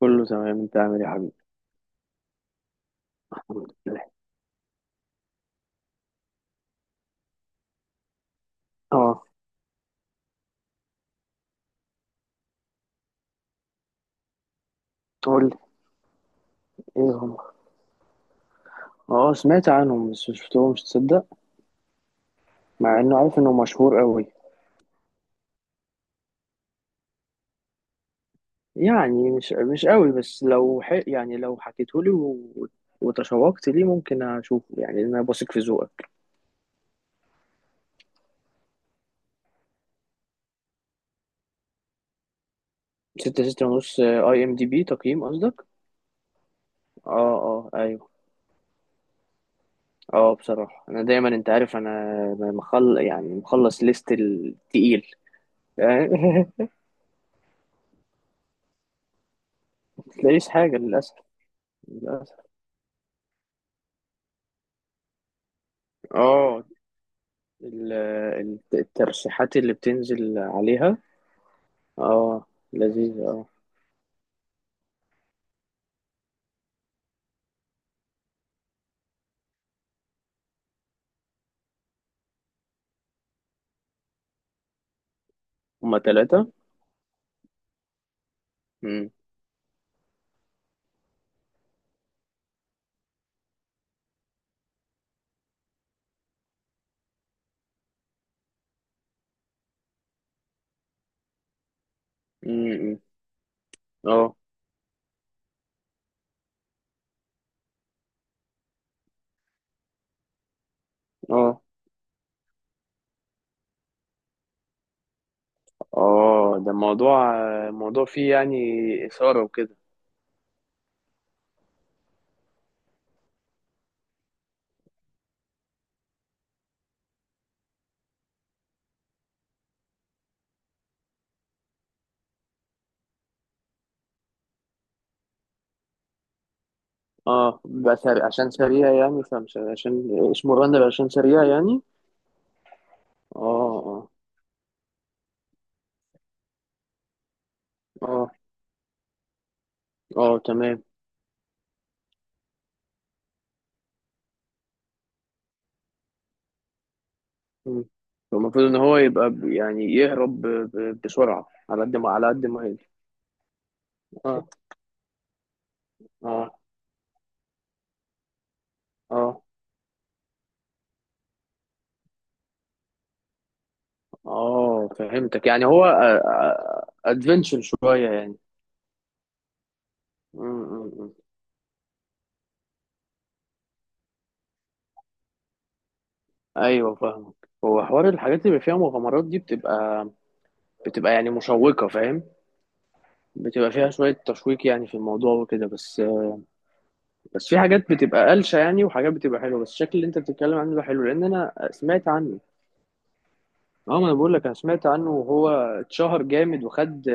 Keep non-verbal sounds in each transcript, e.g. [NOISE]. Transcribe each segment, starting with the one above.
كله تمام، انت عامل ايه يا حبيبي؟ الحمد لله. اه. قول لي. ايه هم؟ اه، سمعت عنهم بس مشفتهمش، تصدق؟ مع انه عارف انه مشهور قوي. يعني مش قوي، بس لو يعني لو حكيتهولي و... وتشوقت ليه، ممكن اشوفه يعني، لأن انا بثق في ذوقك. ستة 6.5 IMDB تقييم قصدك؟ اه، اه، ايوه. اه، بصراحة انا دايما انت عارف انا. مخلص ليست التقيل. [LAUGHS] تلاقيش حاجة، للأسف. للأسف. اه. ال- الترشيحات اللي بتنزل عليها. اه. لذيذة، اه. هما تلاتة. مم. مم. اه، اه، اه، ده موضوع فيه يعني إثارة وكده. اه، بس عشان سريع يعني، فمش عشان اسمه رنر، عشان سريع يعني. اه، اه. اه، اه، تمام. مم. المفروض ان هو يبقى يعني يهرب بسرعة، على قد ما يقدر. اه، اه، اه، اه، فهمتك يعني، هو ادفنتشر شويه يعني. م- م- م. ايوه، فاهمك. هو حوار الحاجات اللي بيبقى فيها مغامرات دي بتبقى يعني مشوقه، فاهم؟ بتبقى فيها شويه تشويق يعني في الموضوع وكده، بس. بس في حاجات بتبقى قلشه يعني، وحاجات بتبقى حلوه، بس الشكل اللي انت بتتكلم عنه ده حلو، لان انا سمعت عنه. اه، ما انا بقول لك انا سمعت عنه، وهو اتشهر جامد، وخد.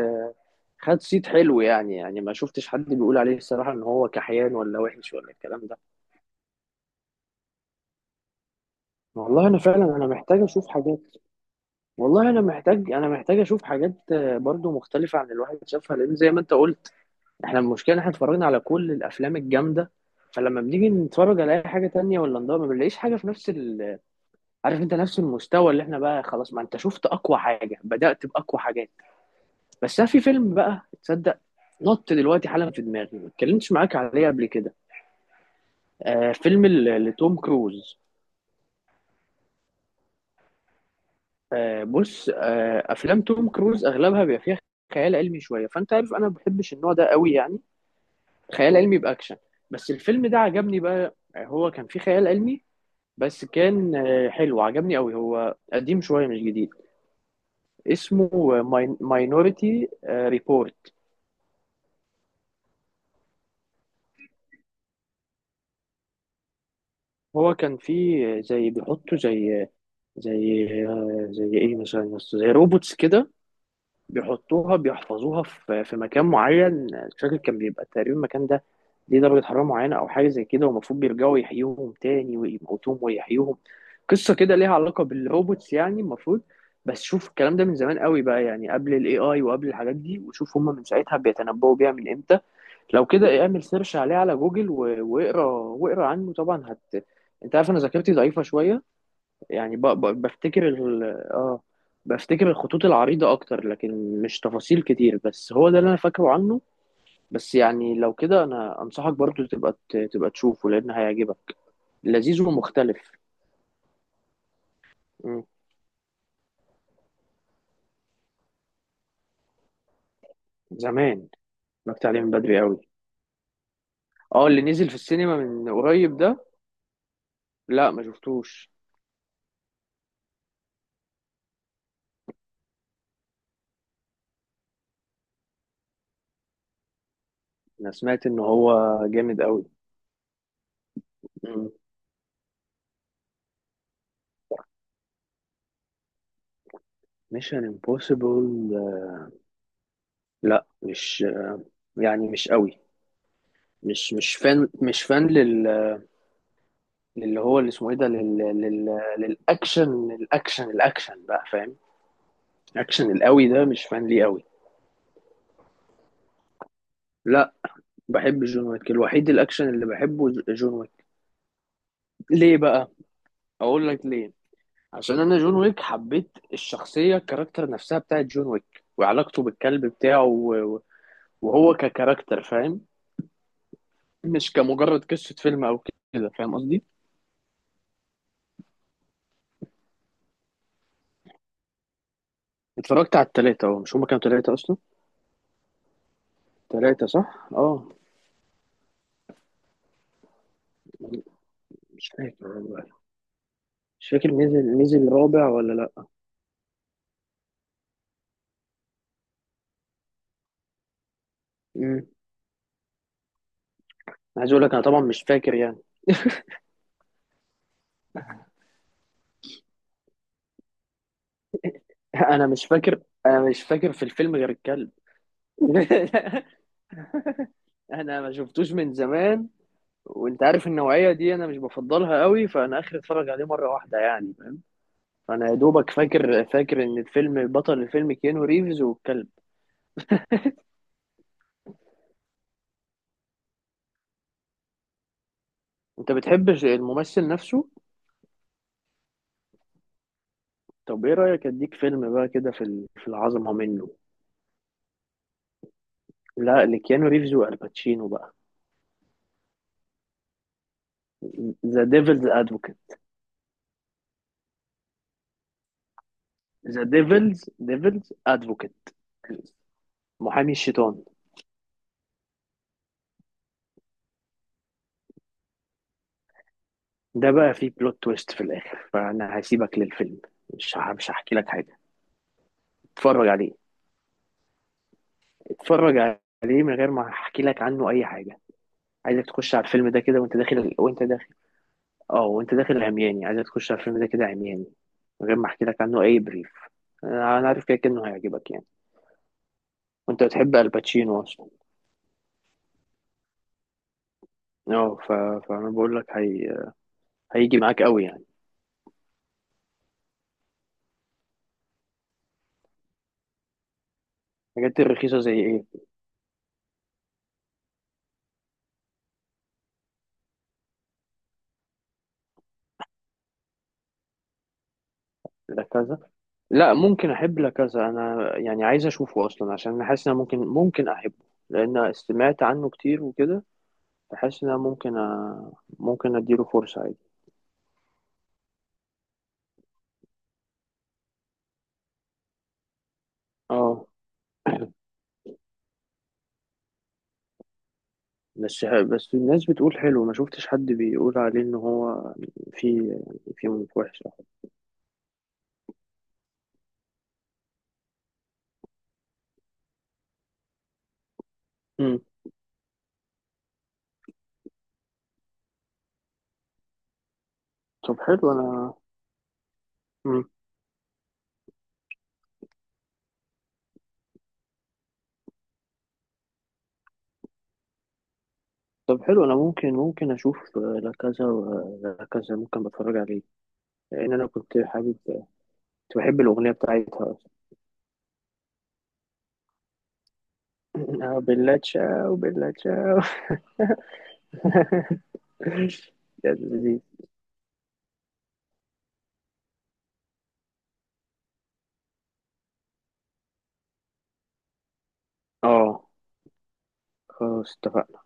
خد صيت حلو يعني ما شفتش حد بيقول عليه الصراحه ان هو كحيان، ولا وحش، ولا الكلام ده. والله انا فعلا، انا محتاج اشوف حاجات. والله انا محتاج اشوف حاجات، برضو مختلفه عن اللي الواحد شافها، لان زي ما انت قلت. احنا المشكله إن احنا اتفرجنا على كل الافلام الجامده. فلما بنيجي نتفرج على اي حاجه تانية ولا نضرب، ما بنلاقيش حاجه عارف انت نفس المستوى اللي احنا بقى خلاص، ما انت شفت اقوى حاجه، بدات باقوى حاجات. بس أنا في فيلم بقى، تصدق؟ نط دلوقتي حالا في دماغي، ما اتكلمتش معاك عليه قبل كده. فيلم ل- لتوم كروز. بص، افلام توم كروز اغلبها بيبقى فيها خيال علمي شويه، فانت عارف انا ما بحبش النوع ده قوي يعني. خيال علمي باكشن. بس الفيلم ده عجبني بقى، هو كان فيه خيال علمي. بس كان حلو، عجبني قوي، هو قديم شويه، مش جديد. اسمه ماينوريتي ريبورت. هو كان فيه زي بيحطوا زي، زي ايه مثلا يا اسطى؟ زي روبوتس كده. بيحطوها بيحفظوها في مكان معين، مش فاكر كان بيبقى تقريبا المكان ده ليه درجة حرارة معينة، أو حاجة زي كده، والمفروض بيرجعوا يحيوهم تاني ويموتوهم ويحيوهم. قصة كده ليها علاقة بالروبوتس يعني المفروض. بس شوف الكلام ده من زمان قوي بقى يعني، قبل الاي اي وقبل الحاجات دي، وشوف هما من ساعتها بيتنبؤوا بيها من امتى. لو كده اعمل سيرش عليه على جوجل و- واقرا عنه طبعا، هت. انت عارف انا ذاكرتي ضعيفة شوية. يعني بفتكر اه، بفتكر الخطوط العريضة أكتر، لكن مش تفاصيل كتير، بس هو ده اللي أنا فاكره عنه. بس يعني لو كده، أنا أنصحك برضو تبقى تبقى تشوفه، لأن هيعجبك. لذيذ ومختلف. مم. زمان. اتفرجت عليه من بدري قوي. اه، اللي نزل في السينما من قريب ده. لا، ما شفتوش. أنا سمعت إن هو جامد قوي. ميشن امبوسيبل. لا، مش، يعني مش قوي. مش فان، مش فان. اللي هو اللي اسمه ايه ده، للاكشن، الاكشن بقى، فاهم؟ الاكشن القوي ده مش فان ليه قوي. لا، بحب جون ويك، الوحيد الاكشن اللي بحبه جون ويك. ليه بقى؟ اقول لك ليه. عشان انا جون ويك حبيت الشخصيه، الكاركتر نفسها بتاعت جون ويك، وعلاقته بالكلب بتاعه، وهو ككاركتر، فاهم. مش كمجرد قصه فيلم او كده، فاهم قصدي. اتفرجت على التلاتة، اهو مش هما كانوا تلاتة اصلا. تلاتة، صح، اه. مش فاكر والله. مش فاكر، نزل رابع ولا لا. امم. عايز اقول لك انا طبعا مش فاكر يعني. [LAUGHS] انا مش فاكر، انا مش فاكر في الفيلم غير الكلب. [LAUGHS] انا ما شفتوش من زمان. وانت عارف النوعيه دي انا مش بفضلها قوي، فانا اخر اتفرج عليه مره واحده يعني. فانا يا دوبك فاكر، فاكر ان الفيلم بطل الفيلم كيانو ريفز والكلب. انت بتحب الممثل نفسه. طب ايه رايك اديك فيلم بقى كده، في في العظمه منه. لا، لكيانو ريفز والباتشينو بقى. ذا ديفلز ادفوكيت. ذا ديفلز ادفوكيت. محامي الشيطان. ده بقى فيه بلوت تويست في الاخر، فانا هسيبك للفيلم. مش هحكي لك حاجه. اتفرج عليه. اتفرج عليه من غير ما احكي لك عنه اي حاجه. عايزك تخش على الفيلم ده كده، وانت داخل، وانت داخل. اه، وانت داخل عمياني، عايزك تخش على الفيلم ده كده عمياني. من غير ما احكي لك عنه اي بريف. أنا عارف كده كده انه هيعجبك يعني. وانت بتحب الباتشينو اصلا. اه، فانا بقول لك، هيجي معاك قوي يعني. الحاجات الرخيصه زي ايه؟ لا، كذا. لا، ممكن احب لكذا انا يعني، عايز اشوفه اصلا، عشان انا حاسس ان أنا ممكن احبه. لان سمعت عنه كتير وكده. فحاسس ان انا ممكن ممكن اديله فرصة عادي. اه. [COUGHS] [CLEARS THROAT] بس الناس بتقول حلو، ما شفتش حد بيقول عليه ان هو في في وحش أو حاجة. مم. طب حلو انا. مم. طب حلو انا ممكن اشوف لكذا ولكذا، ممكن بتفرج عليه. لان انا كنت حابب. كنت بحب الاغنيه بتاعتها [COUGHS] أصلاً. [LAUGHS] بلا تشاو بلا تشاو. يا لذيذ. اه. خلاص، اتفقنا.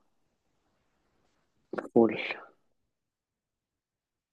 فول.